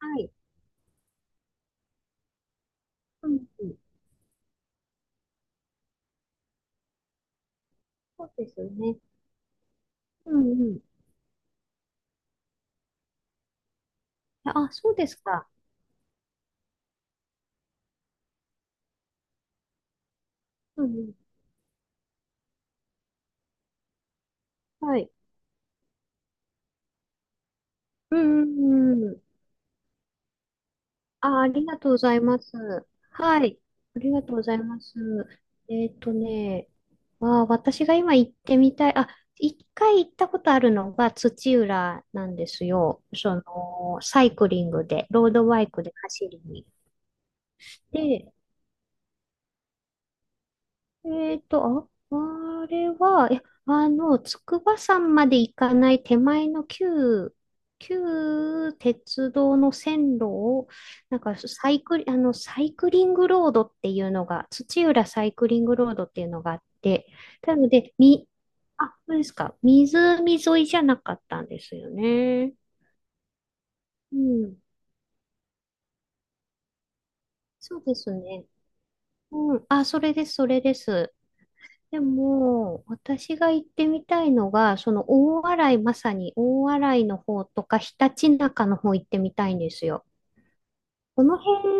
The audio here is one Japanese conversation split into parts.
はい。うんうん。そうですよね。うんうん。あ、そうですか。うんうん。はい。うんうんうん。あ、ありがとうございます。はい。ありがとうございます。えっとね、あ、私が今行ってみたい。あ、一回行ったことあるのが土浦なんですよ。サイクリングで、ロードバイクで走りに。で、えっと、あ、あれは、え、あの、筑波山まで行かない手前の旧鉄道の線路を、なんかサイクリングロードっていうのが、土浦サイクリングロードっていうのがあって、なので、あ、そうですか。湖沿いじゃなかったんですよね。うん、そうですね。うん、あ、それです、それです。でも、私が行ってみたいのが、その大洗、まさに大洗の方とか、ひたちなかの方行ってみたいんですよ。この辺、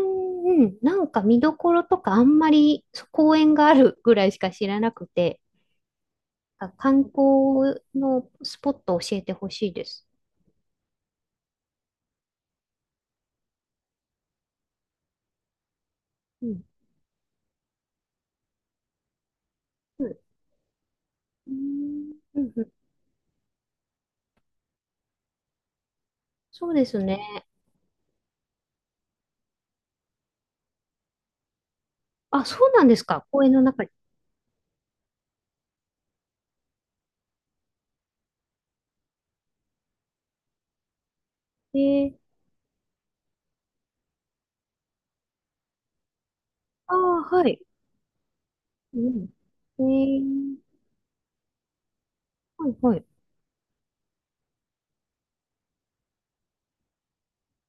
うん、なんか見どころとかあんまり、そう、公園があるぐらいしか知らなくて。あ、観光のスポットを教えてほしいです。うん。うん。うんうんうん。そうですね。あ、そうなんですか。公園の中に。えー、ああ、はい。うん。えー、はい、はい。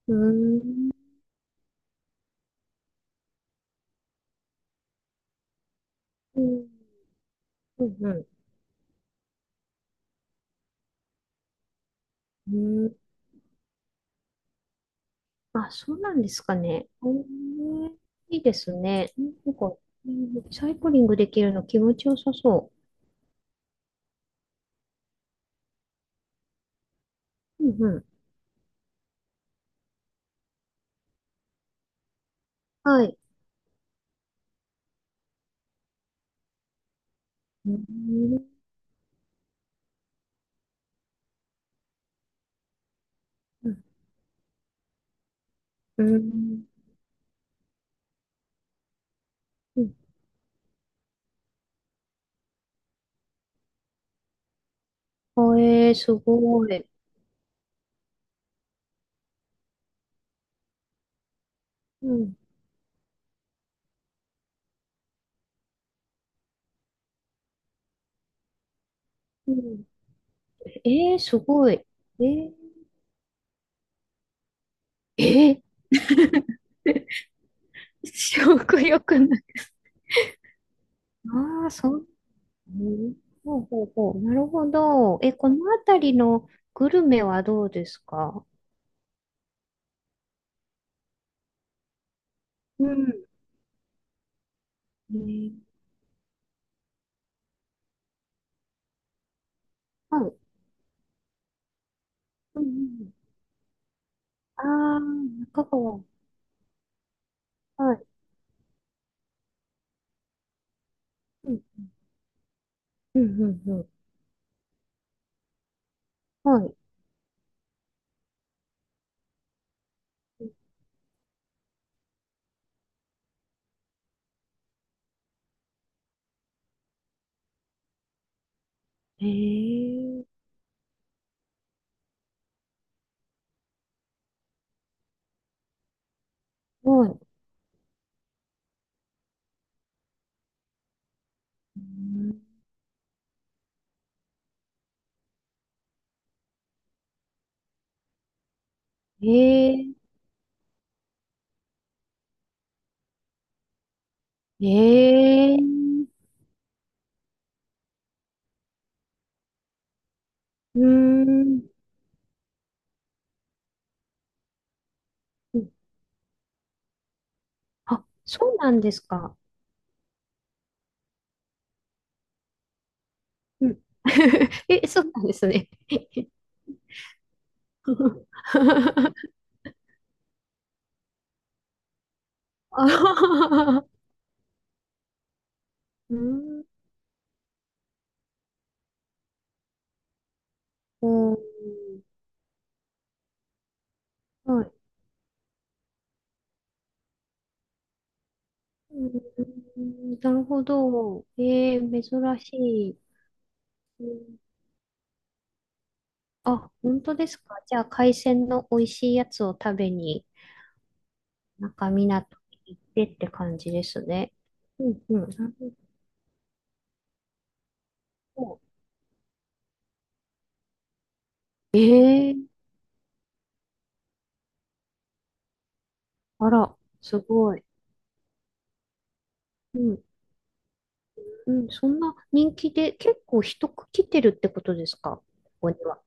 うーん。うんうんうん。うん。あ、そうなんですかね。うん、いいですね。なんか、うん、サイクリングできるの気持ちよさそう。うんうん。はい。うん。うん。うん。あ、えー、すごい。うん。うん。えー、すごい。えー、えー、食欲ない。ああ、そう。うん。ほうほうほう。なるほど。え、この辺りのグルメはどうですか？うん。えー。はい。うんうんうん。ああ、中川。はい。うん。うん、うん、うん。はい。へえ、はい。うん、へえ、へえ、うーん。うん。あ、そうなんですか。うん。え、そうなんですね。ああ、うん。うん。はい。うん、なるほど。えー、珍しい。うん。あ、本当ですか。じゃあ、海鮮の美味しいやつを食べに、中港に行ってって感じですね。うん、うん。なるほど。ええ。あら、すごい。うん、うん。そんな人気で、結構人来てるってことですか、ここには？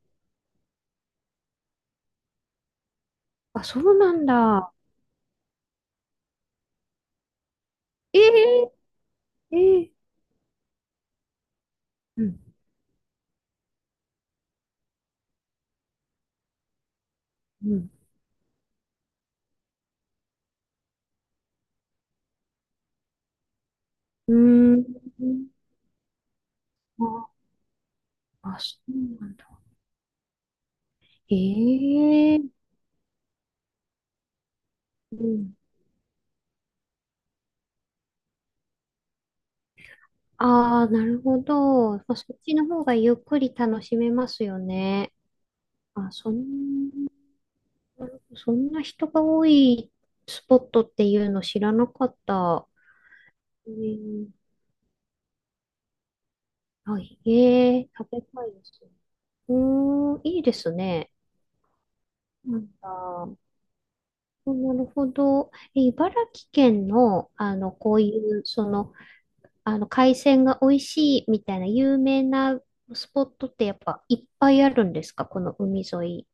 あ、そうなんだ。ええ、ええ。うん、うん。うーん。あ、あ、そうなんだ。ええ。うん。ああ、なるほど。まあ、そっちの方がゆっくり楽しめますよね。あ、そんな人が多いスポットっていうの知らなかった。うん、あ、ええ、食べたいです。うーん、いいですね。なんか、なるほど。え、茨城県の、あの、こういう、その、海鮮が美味しいみたいな有名なスポットってやっぱいっぱいあるんですか、この海沿い？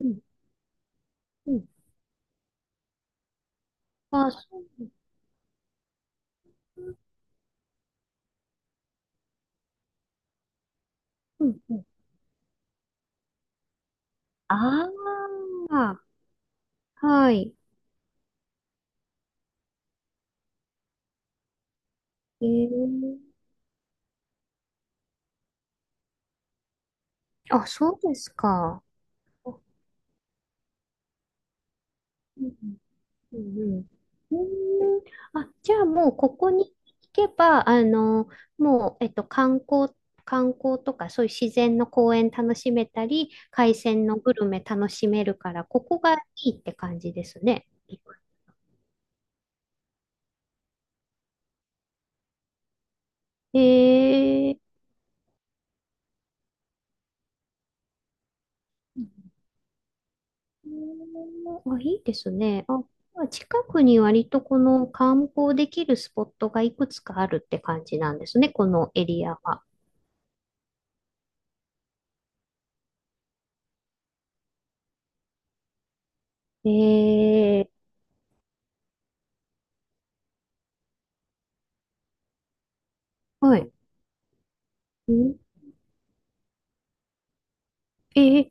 うん、うん。あ、そう。うん、うん。ああ、はい。ええ。あ、そうですか。うんうん、うんうん。うん。あ、じゃあもうここに行けば、あの、もう、観光とか、そういう自然の公園楽しめたり、海鮮のグルメ楽しめるから、ここがいいって感じですね。ええ。うん。あ、いいですね。あ、まあ、近くに割とこの観光できるスポットがいくつかあるって感じなんですね、このエリアは。えー、はい。ん。えー、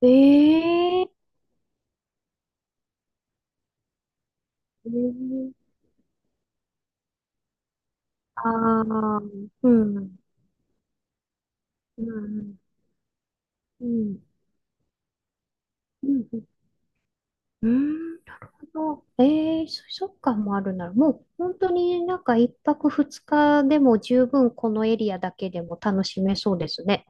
えー、えー、あー、うん、うん、うん、うん、うん、うんと、そっかもあるなら、もう本当になんか一泊二日でも十分このエリアだけでも楽しめそうですね。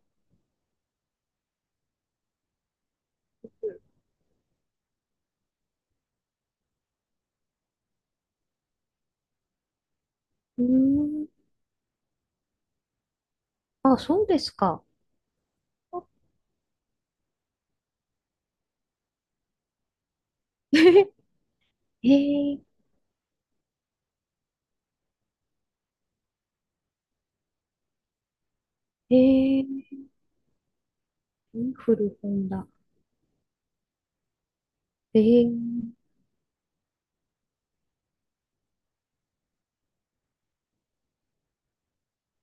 うん。あ、そうですか。あ。 えー、えー、古本だ。えー、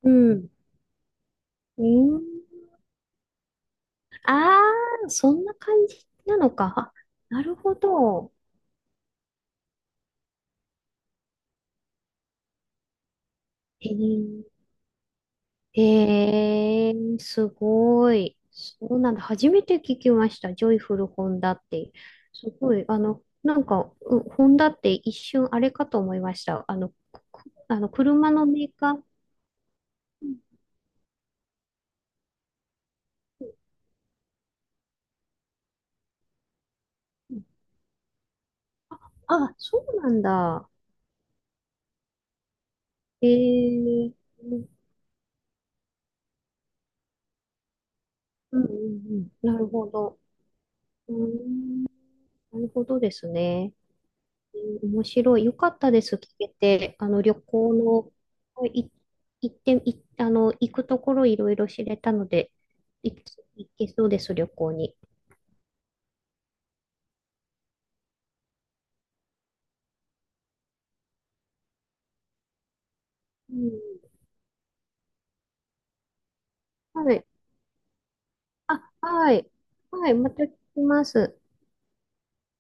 うん、うん。ああ、そんな感じなのか。あ、なるほど。えー、えー、すごい。そうなんだ。初めて聞きました。ジョイフル本田って。すごい。あの、なんか、本田って一瞬あれかと思いました。あの、あの車のメーカー。うんうん。あ、そうなんだ。ええ。うんうんうん。なるほど。うーん、なるほどですね。うん。面白い。よかったです。聞けて。あの、旅行の、い、行って、い、あの、行くところいろいろ知れたので、行けそうです、旅行に。うん、はい。あ、はい。はい。また来ます。